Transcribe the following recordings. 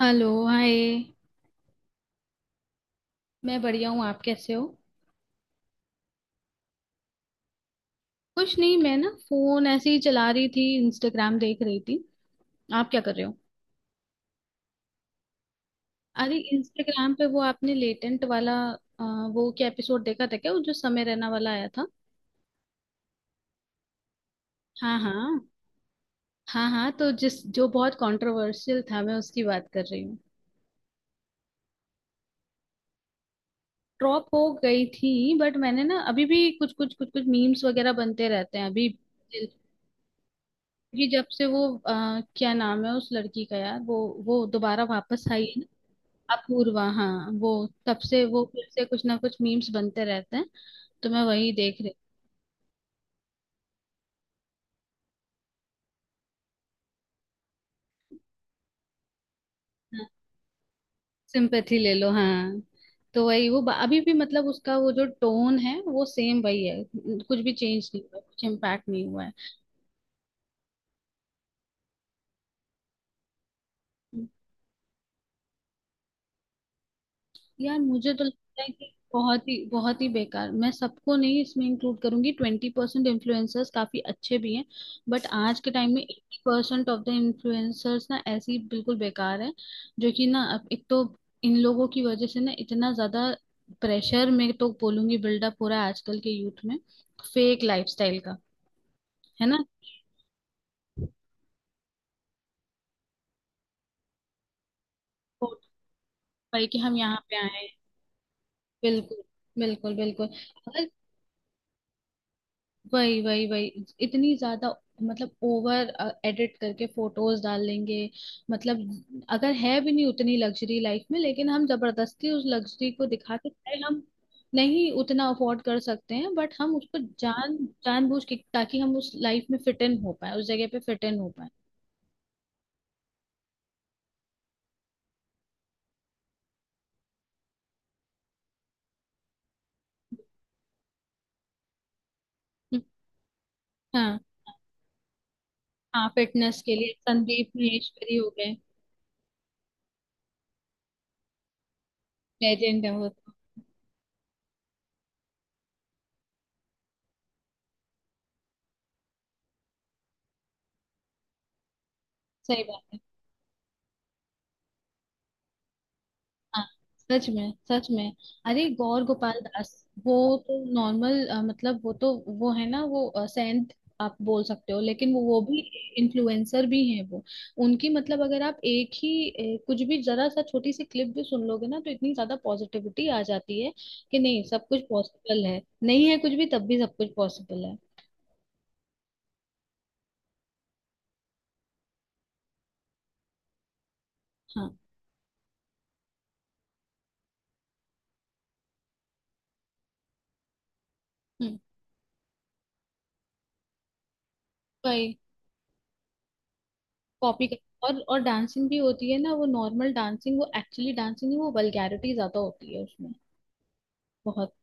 Hello hi. मैं बढ़िया हूँ, आप कैसे हो? कुछ नहीं, मैं ना फोन ऐसे ही चला रही थी, इंस्टाग्राम देख रही थी। आप क्या कर रहे हो? अरे इंस्टाग्राम पे वो आपने लेटेंट वाला वो क्या एपिसोड देखा था क्या, वो जो समय रैना वाला आया था? हाँ, हाँ। हाँ, हाँ, तो जिस जो बहुत कंट्रोवर्शियल था मैं उसकी बात कर रही हूँ। ड्रॉप हो गई थी। बट मैंने ना अभी भी कुछ कुछ कुछ कुछ मीम्स वगैरह बनते रहते हैं अभी। ये जब से वो क्या नाम है उस लड़की का यार, वो दोबारा वापस आई। अपूर्वा, हाँ वो तब से वो फिर से कुछ ना कुछ मीम्स बनते रहते हैं। तो मैं वही देख रही हूँ। सिंपैथी ले लो, हाँ। तो वही वो अभी भी मतलब उसका वो जो टोन है वो सेम वही है, कुछ भी चेंज नहीं हुआ, कुछ इम्पैक्ट नहीं हुआ। है। यार मुझे तो लगता है कि बहुत ही बेकार। मैं सबको नहीं इसमें इंक्लूड करूंगी, 20% इन्फ्लुएंसर्स काफी अच्छे भी हैं। बट आज के टाइम में 80% ऑफ द इन्फ्लुएंसर्स ना ऐसे ही बिल्कुल बेकार है जो कि ना, अब एक तो इन लोगों की वजह से ना इतना ज्यादा प्रेशर में तो बोलूंगी, बिल्डअप हो रहा है आजकल के यूथ में, फेक लाइफस्टाइल का, है ना। भाई कि हम यहाँ पे आए हैं। बिल्कुल, बिल्कुल, बिल्कुल। अगर, वही वही वही इतनी ज्यादा, मतलब ओवर एडिट करके फोटोज डाल लेंगे, मतलब, अगर है भी नहीं उतनी लग्जरी लाइफ में, लेकिन हम जबरदस्ती उस लग्जरी को दिखा के, चाहे हम नहीं उतना अफोर्ड कर सकते हैं, बट हम उसको जानबूझ के ताकि हम उस लाइफ में फिट इन हो पाए, उस जगह पे फिट इन हो पाए। हम्म, हाँ। हाँ, फिटनेस के लिए संदीप महेश्वरी हो गए। लेजेंड है वो तो। सही बात है। हाँ, सच में, सच में। अरे गौर गोपाल दास। वो तो नॉर्मल, मतलब वो तो, वो है ना, वो सेंट आप बोल सकते हो, लेकिन वो भी इन्फ्लुएंसर भी हैं वो। उनकी, मतलब अगर आप एक ही कुछ भी जरा सा छोटी सी क्लिप भी सुन लोगे ना, तो इतनी ज्यादा पॉजिटिविटी आ जाती है कि नहीं, सब कुछ पॉसिबल है, नहीं है कुछ भी तब भी सब कुछ पॉसिबल है। हाँ। हम्म, वही, कॉपी कर, और डांसिंग भी होती है ना, वो नॉर्मल डांसिंग, वो एक्चुअली डांसिंग नहीं, वो वल्गैरिटी ज्यादा होती है उसमें। बहुत।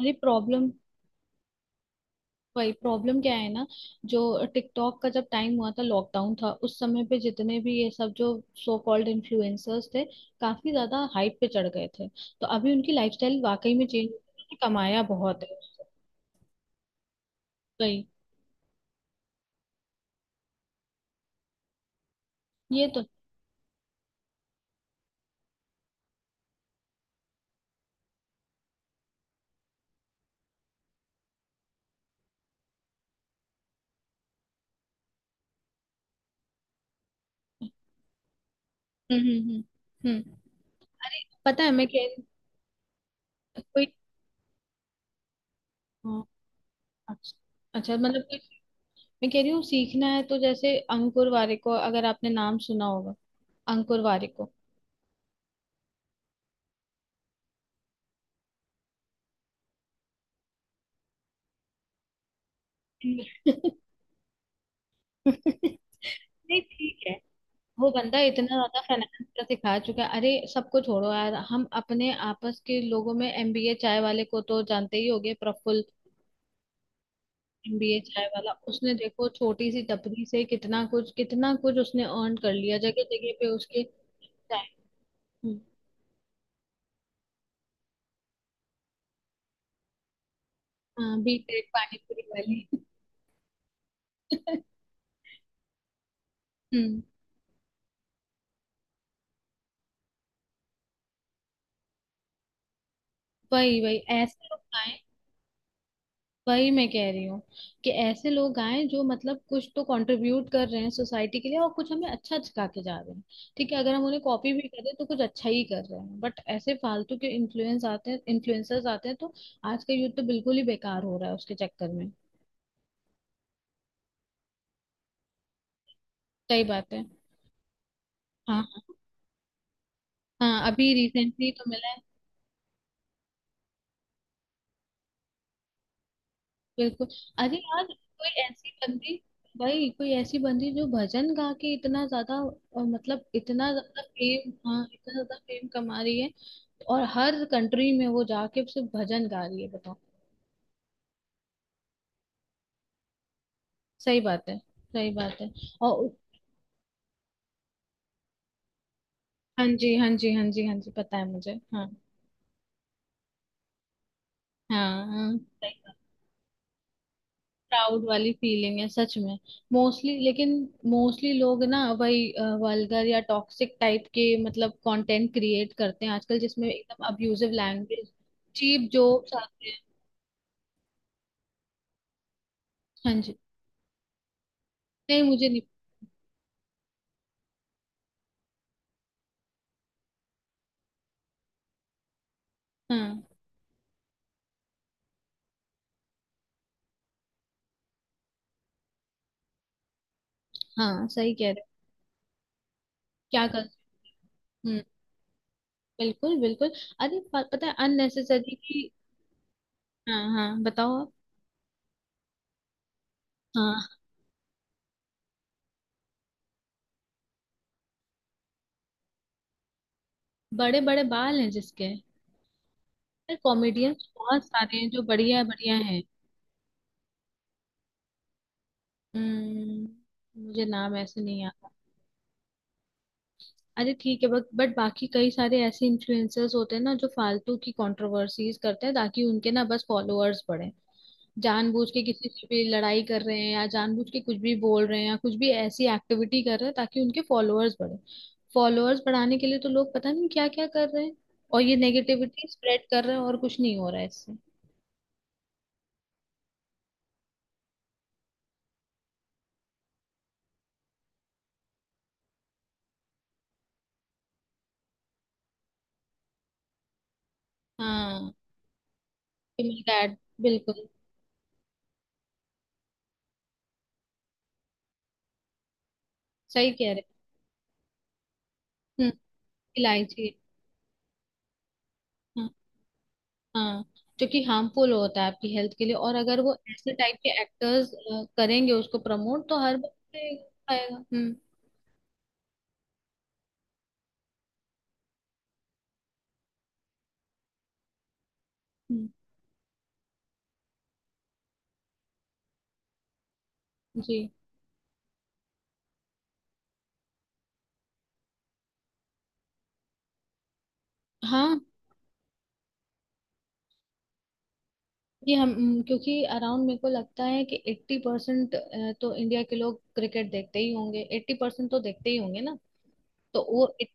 अरे प्रॉब्लम, वही प्रॉब्लम क्या है ना, जो टिकटॉक का जब टाइम हुआ था, लॉकडाउन था उस समय पे, जितने भी ये सब जो सो कॉल्ड इन्फ्लुएंसर्स थे, काफी ज्यादा हाइप पे चढ़ गए थे, तो अभी उनकी लाइफस्टाइल वाकई में चेंज। कमाया बहुत है। वही, ये तो। हम्म, हम्म, हम्म, अरे पता है मैं कह रही, कोई, हाँ, अच्छा, अच्छा, मतलब कोई, मैं कह रही हूँ, सीखना है तो जैसे अंकुर वारिको, अगर आपने नाम सुना होगा, अंकुर वारिको। नहीं, ठीक है। वो बंदा इतना ज्यादा फाइनेंस का सिखा चुका है। अरे सबको छोड़ो यार, हम अपने आपस के लोगों में एमबीए चाय वाले को तो जानते ही होंगे, प्रफुल्ल। एमबीए चाय वाला, उसने देखो छोटी सी टपरी से कितना कुछ, कितना कुछ उसने अर्न कर लिया, जगह जगह पे उसके चाय, हम्म, हाँ। बीटेक पानीपुरी वाली। हम्म, वही वही ऐसे लोग आए। वही मैं कह रही हूँ कि ऐसे लोग आए जो मतलब कुछ तो कंट्रीब्यूट कर रहे हैं सोसाइटी के लिए, और कुछ हमें अच्छा सिखा के जा रहे हैं। ठीक है, अगर हम उन्हें कॉपी भी करें तो कुछ अच्छा ही कर रहे हैं। बट ऐसे फालतू के इन्फ्लुएंस आते हैं, इन्फ्लुएंसर्स आते हैं, तो आज का यूथ तो बिल्कुल ही बेकार हो रहा है उसके चक्कर में। सही बात है। हाँ, हाँ, अभी रिसेंटली तो मिला है। बिल्कुल। अरे यार कोई ऐसी बंदी, भाई कोई ऐसी बंदी जो भजन गा के इतना ज्यादा मतलब इतना ज्यादा फेम, हाँ इतना ज्यादा फेम कमा रही है, और हर कंट्री में वो जाके सिर्फ भजन गा रही है, बताओ। सही बात है, सही बात है। और हाँ जी, हाँ जी, हाँ जी, हाँ जी, पता है मुझे, हाँ। हाँ, हाँ, सही बात। प्राउड वाली फीलिंग है, सच में। मोस्टली लेकिन, मोस्टली लोग ना वही वल्गर या टॉक्सिक टाइप के मतलब कंटेंट क्रिएट करते हैं आजकल, जिसमें एकदम अब्यूजिव लैंग्वेज, चीप जोक्स आते हैं। हाँ जी। नहीं, मुझे नहीं। हाँ, हाँ, सही कह रहे हो। क्या कर, हम्म, बिल्कुल, बिल्कुल। अरे पता है अननेसेसरी। हाँ, हाँ, बताओ आप। हाँ, बड़े बड़े बाल हैं जिसके? यार कॉमेडियंस बहुत सारे हैं जो बढ़िया बढ़िया हैं। हम्म, मुझे नाम ऐसे नहीं याद। अरे ठीक है, बट बाकी कई सारे ऐसे इन्फ्लुएंसर्स होते हैं ना जो फालतू की कंट्रोवर्सीज करते हैं ताकि उनके ना बस फॉलोअर्स बढ़े। जानबूझ के किसी से भी लड़ाई कर रहे हैं, या जानबूझ के कुछ भी बोल रहे हैं, या कुछ भी ऐसी एक्टिविटी कर रहे हैं ताकि उनके फॉलोअर्स बढ़े। फॉलोअर्स बढ़ाने के लिए तो लोग पता नहीं क्या क्या कर रहे हैं, और ये नेगेटिविटी स्प्रेड कर रहे हैं, और कुछ नहीं हो रहा है इससे। हाँ, डैड, बिल्कुल, सही कह रहे हैं। हम्म, इलायची। हाँ। हाँ, जो कि हार्मफुल होता है आपकी हेल्थ के लिए, और अगर वो ऐसे टाइप के एक्टर्स करेंगे उसको प्रमोट, तो हर बच्चे आएगा। हम्म, हम्म, जी हाँ। ये हम, क्योंकि अराउंड मेरे को लगता है कि 80% तो इंडिया के लोग क्रिकेट देखते ही होंगे, 80% तो देखते ही होंगे ना, तो वो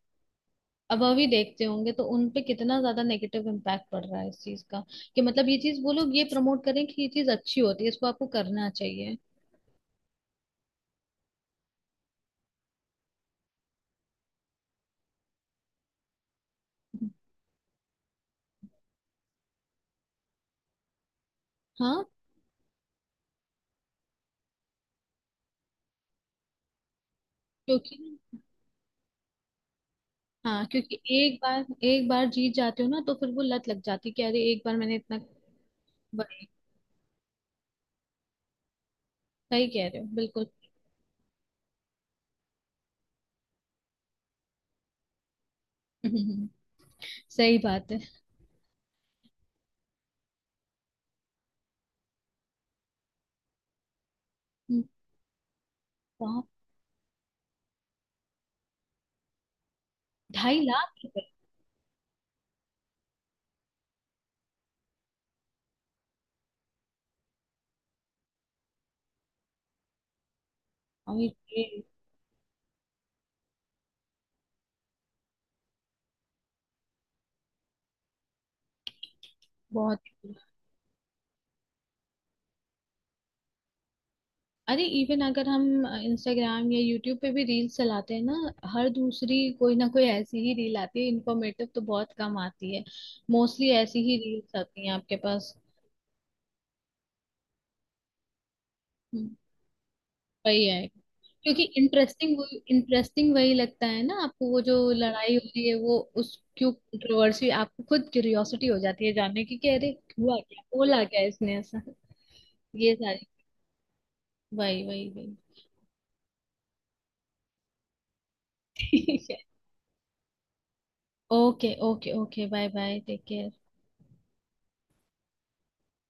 अब अभी देखते होंगे तो उन पे कितना ज्यादा नेगेटिव इम्पैक्ट पड़ रहा है इस चीज का, कि मतलब ये चीज वो लोग ये प्रमोट करें कि ये चीज अच्छी होती है, इसको आपको करना चाहिए। हाँ क्योंकि हाँ क्योंकि एक बार, एक बार जीत जाते हो ना तो फिर वो लत लग जाती है कि अरे एक बार मैंने इतना बड़े, सही कह रहे हो, बिल्कुल। हम्म, सही बात है। हम्म, बहुत। 2.5 लाख रुपए। और ये बहुत। अरे इवन अगर हम इंस्टाग्राम या यूट्यूब पे भी रील्स चलाते हैं ना, हर दूसरी कोई ना कोई ऐसी ही रील आती है, इन्फॉर्मेटिव तो बहुत कम आती है। मोस्टली ऐसी ही रील्स आती हैं आपके पास। हम्म। वही है। क्योंकि इंटरेस्टिंग वो, इंटरेस्टिंग वही लगता है ना आपको, वो जो लड़ाई हो रही है, वो उस क्यों कंट्रोवर्सी, आपको खुद क्यूरियोसिटी हो जाती है जानने की कि अरे, हुआ क्या, बोला क्या इसने ऐसा, ये सारी वही वही वही। ठीक है। Okay, okay, okay, bye bye, take care.